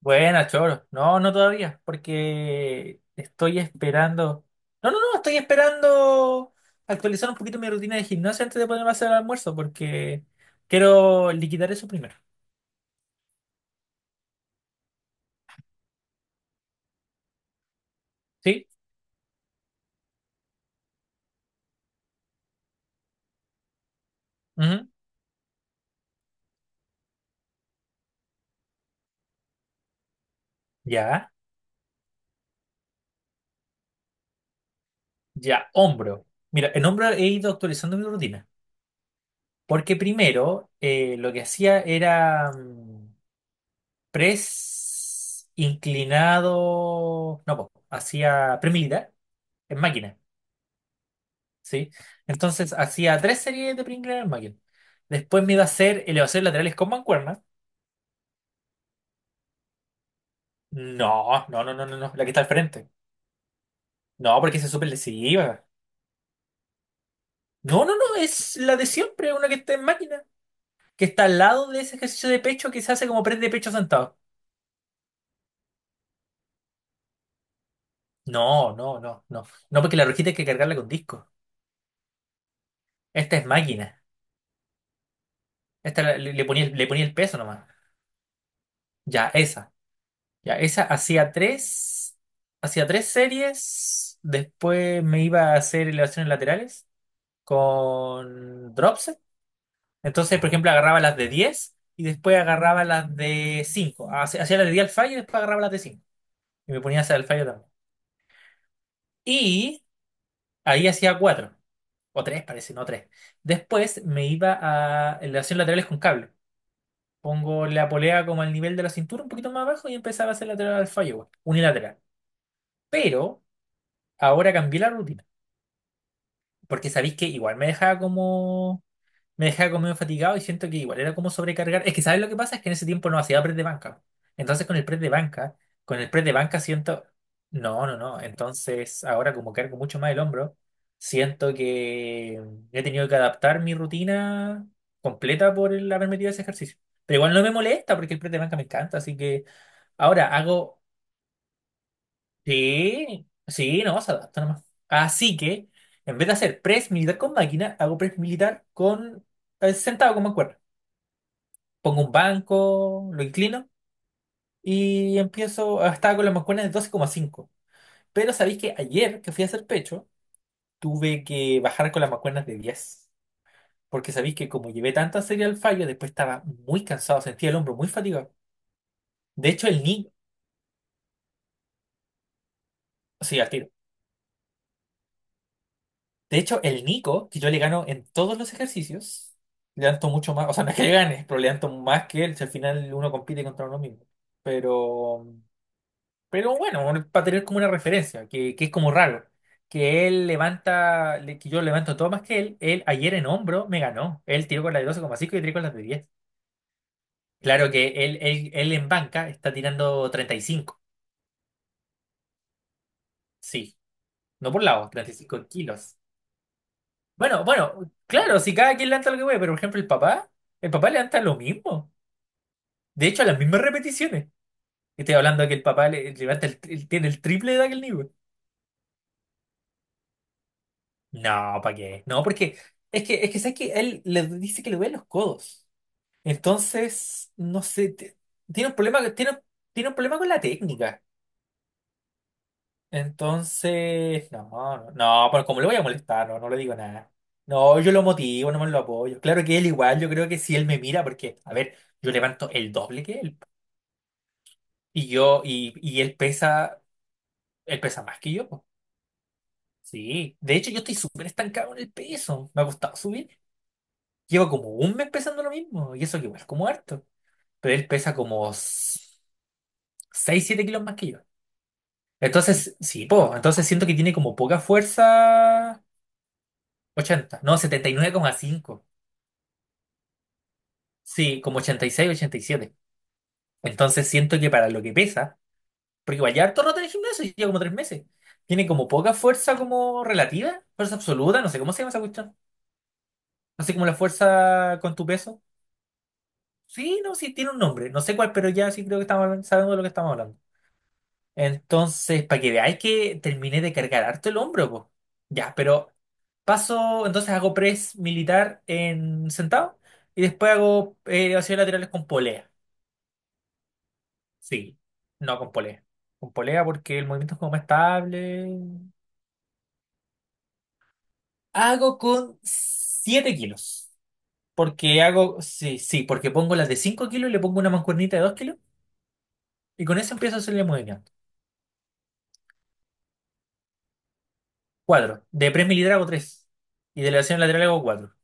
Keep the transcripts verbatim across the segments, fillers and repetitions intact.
Buena, Choro. No, no todavía, porque estoy esperando. No, no, no, estoy esperando actualizar un poquito mi rutina de gimnasia antes de ponerme a hacer el almuerzo, porque quiero liquidar eso primero. ¿Sí? Ujú. Ya, ya, hombro. Mira, en hombro he ido actualizando mi rutina, porque primero eh, lo que hacía era mm, press inclinado. No, po, hacía pre militar en máquina. ¿Sí? Entonces hacía tres series de Pringles en el. Después me iba a hacer elevaciones laterales con mancuernas. No, no, no, no, no, no, la que está al frente. No, porque esa es súper lesiva. No, no, no, es la de siempre, una que está en máquina, que está al lado de ese ejercicio de pecho que se hace como press de pecho sentado. No, no, no, no. No, porque la rojita hay que cargarla con disco. Esta es máquina. Esta la- le le ponía, el- le ponía el peso nomás. Ya, esa. Ya, esa hacía tres, hacía tres series. Después me iba a hacer elevaciones laterales con dropset. Entonces, por ejemplo, agarraba las de diez y después agarraba las de cinco. Hacía hacía las de diez al fallo y después agarraba las de cinco y me ponía a hacer el fallo también. Y ahí hacía cuatro. O tres parece, no tres. Después me iba a elevaciones laterales con cable. Pongo la polea como al nivel de la cintura, un poquito más abajo, y empezaba a hacer lateral al fallo, igual, unilateral. Pero ahora cambié la rutina. Porque sabéis que igual me dejaba como. me dejaba como medio fatigado y siento que igual era como sobrecargar. Es que, ¿sabes lo que pasa? Es que en ese tiempo no hacía press de banca. Entonces, con el press de banca, con el press de banca siento. No, no, no. Entonces, ahora como cargo mucho más el hombro, siento que he tenido que adaptar mi rutina completa por el haber metido ese ejercicio. Pero igual no me molesta porque el press de banca me encanta. Así que ahora hago. Sí, sí, no, se adapta nomás. Así que, en vez de hacer press militar con máquina, hago press militar con eh, sentado con mancuerna. Pongo un banco, lo inclino y empiezo ah, estaba con las mancuernas de doce coma cinco. Pero sabéis que ayer que fui a hacer pecho, tuve que bajar con las mancuernas de diez. Porque sabéis que como llevé tanta serie al fallo, después estaba muy cansado, sentía el hombro muy fatigado. De hecho, el niño, sí, al tiro. De hecho, el Nico, que yo le gano en todos los ejercicios, le danto mucho más, o sea, no es que le gane, pero le danto más que él, si al final uno compite contra uno mismo. Pero, pero bueno, para tener como una referencia, que, que es como raro, que él levanta, le- que yo levanto todo más que él, él ayer en hombro me ganó, él tiró con la de doce coma cinco y yo tiré con las de diez. Claro que él, él, él en banca está tirando treinta y cinco. Sí, no por lado, treinta y cinco kilos. Bueno, bueno, claro, si cada quien levanta lo que puede, pero por ejemplo el papá, el papá levanta lo mismo. De hecho, las mismas repeticiones. Estoy hablando de que el papá le- levanta el, tri- tiene el triple de aquel niño. No, ¿para qué? No, porque es que, es que sabes que él le dice que le duelen los codos. Entonces, no sé, t- tiene un problema, tiene, tiene un problema con la técnica. Entonces, no, no, no, pero como le voy a molestar, no, no le digo nada. No, yo lo motivo, no me lo apoyo. Claro que él igual, yo creo que si él me mira, porque, a ver, yo levanto el doble que él. Y yo, y, y él pesa, él pesa más que yo, po. Sí. De hecho, yo estoy súper estancado en el peso. Me ha costado subir. Llevo como un mes pesando lo mismo. Y eso que igual es como harto. Pero él pesa como seis, siete kilos más que yo. Entonces, sí, po, entonces siento que tiene como poca fuerza. Ochenta no, setenta y nueve coma cinco. Sí, como ochenta y seis, ochenta y siete. Entonces siento que para lo que pesa, porque igual ya harto rato en el gimnasio, lleva como tres meses. Tiene como poca fuerza como relativa, fuerza absoluta, no sé cómo se llama esa cuestión. No sé como la fuerza con tu peso. Sí, no, sí, tiene un nombre, no sé cuál, pero ya sí creo que estamos hablando, sabemos de lo que estamos hablando. Entonces, para que veáis que terminé de cargar harto el hombro, pues. Ya, pero paso, entonces hago press militar en sentado y después hago eh, acciones laterales con polea. Sí, no con polea. Con polea porque el movimiento es como más estable. Hago con siete kilos. Porque hago, sí, sí, porque pongo las de cinco kilos, y le pongo una mancuernita de dos kilos y con eso empiezo a hacerle movimiento. Cuatro. De press militar hago tres. Y de elevación lateral hago cuatro.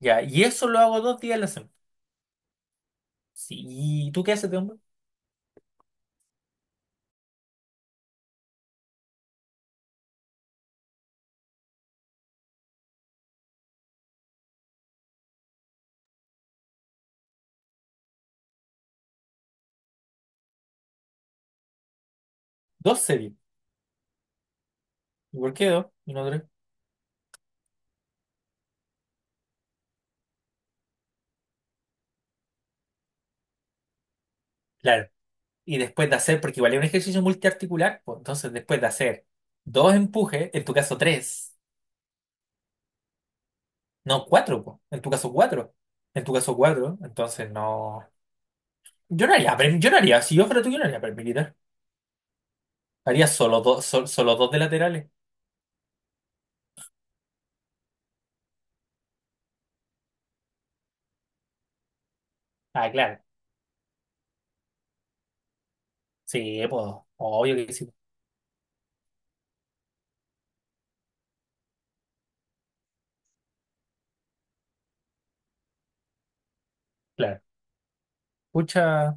Ya, y eso lo hago dos días a la semana. Sí, ¿y tú qué haces de hombro? Dos series. ¿Y por qué dos? Y no tres. Claro. Y después de hacer, porque igual es un ejercicio multiarticular, pues, entonces después de hacer dos empujes, en tu caso tres. No, cuatro, po. En tu caso, cuatro. En tu caso, cuatro. Entonces, no. Yo no haría, pre- yo no haría, si yo fuera tú, yo no haría paramilitar. Haría solo dos, sol- solo dos de laterales. Ah, claro. Sí, pues, obvio que sí. Claro. Pucha.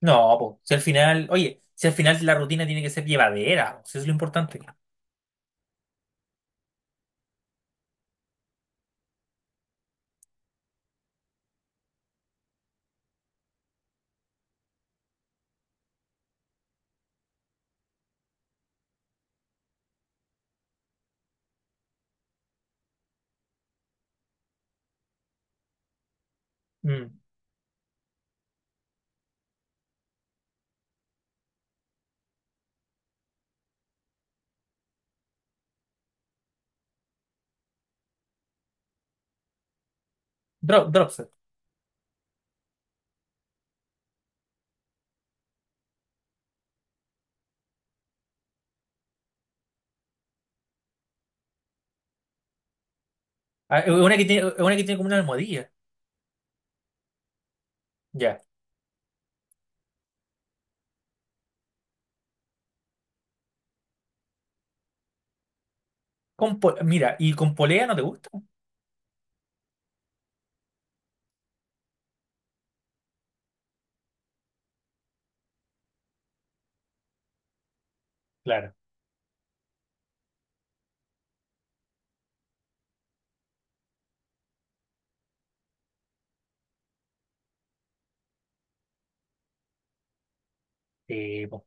No, pues, si al final, oye, si al final la rutina tiene que ser llevadera, po, si eso es lo importante. Mm. Drop, drop set. Ah, es una que tiene, es una que tiene como una almohadilla. Ya. Con po- mira, ¿y con polea no te gusta? Claro. Sí, po.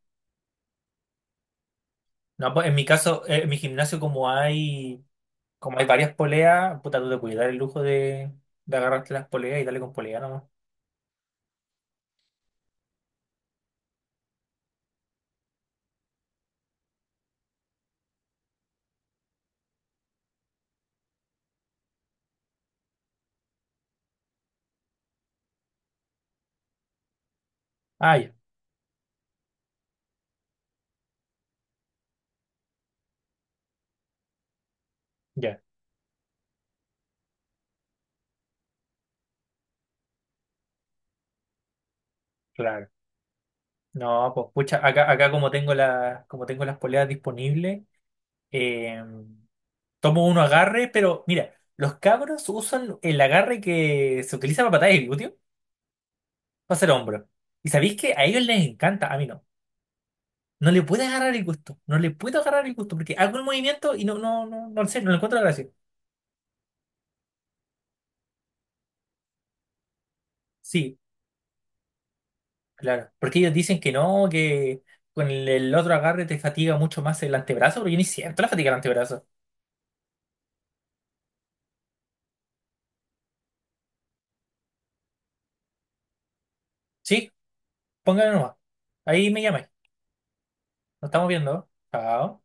No, pues, en mi caso, eh, en mi gimnasio como hay. Como hay varias poleas, puta, tú te puedes dar el lujo de, de agarrarte las poleas y darle con polea nomás. Ah, ya, ya, claro. No, pues pucha, acá, acá como tengo la, como tengo las poleas disponibles, eh, tomo uno agarre, pero mira, los cabros usan el agarre que se utiliza para patadas de glúteo, para hacer hombro. ¿Y sabéis que a ellos les encanta? A mí no. No le puedo agarrar el gusto, no le puedo agarrar el gusto, porque hago el movimiento y no, no, no, no sé, no le encuentro la gracia. Sí. Claro, porque ellos dicen que no, que con el, el otro agarre te fatiga mucho más el antebrazo, pero yo ni siento la fatiga del antebrazo. Sí, pónganlo nomás. Ahí me llamáis. Nos estamos viendo. Chao.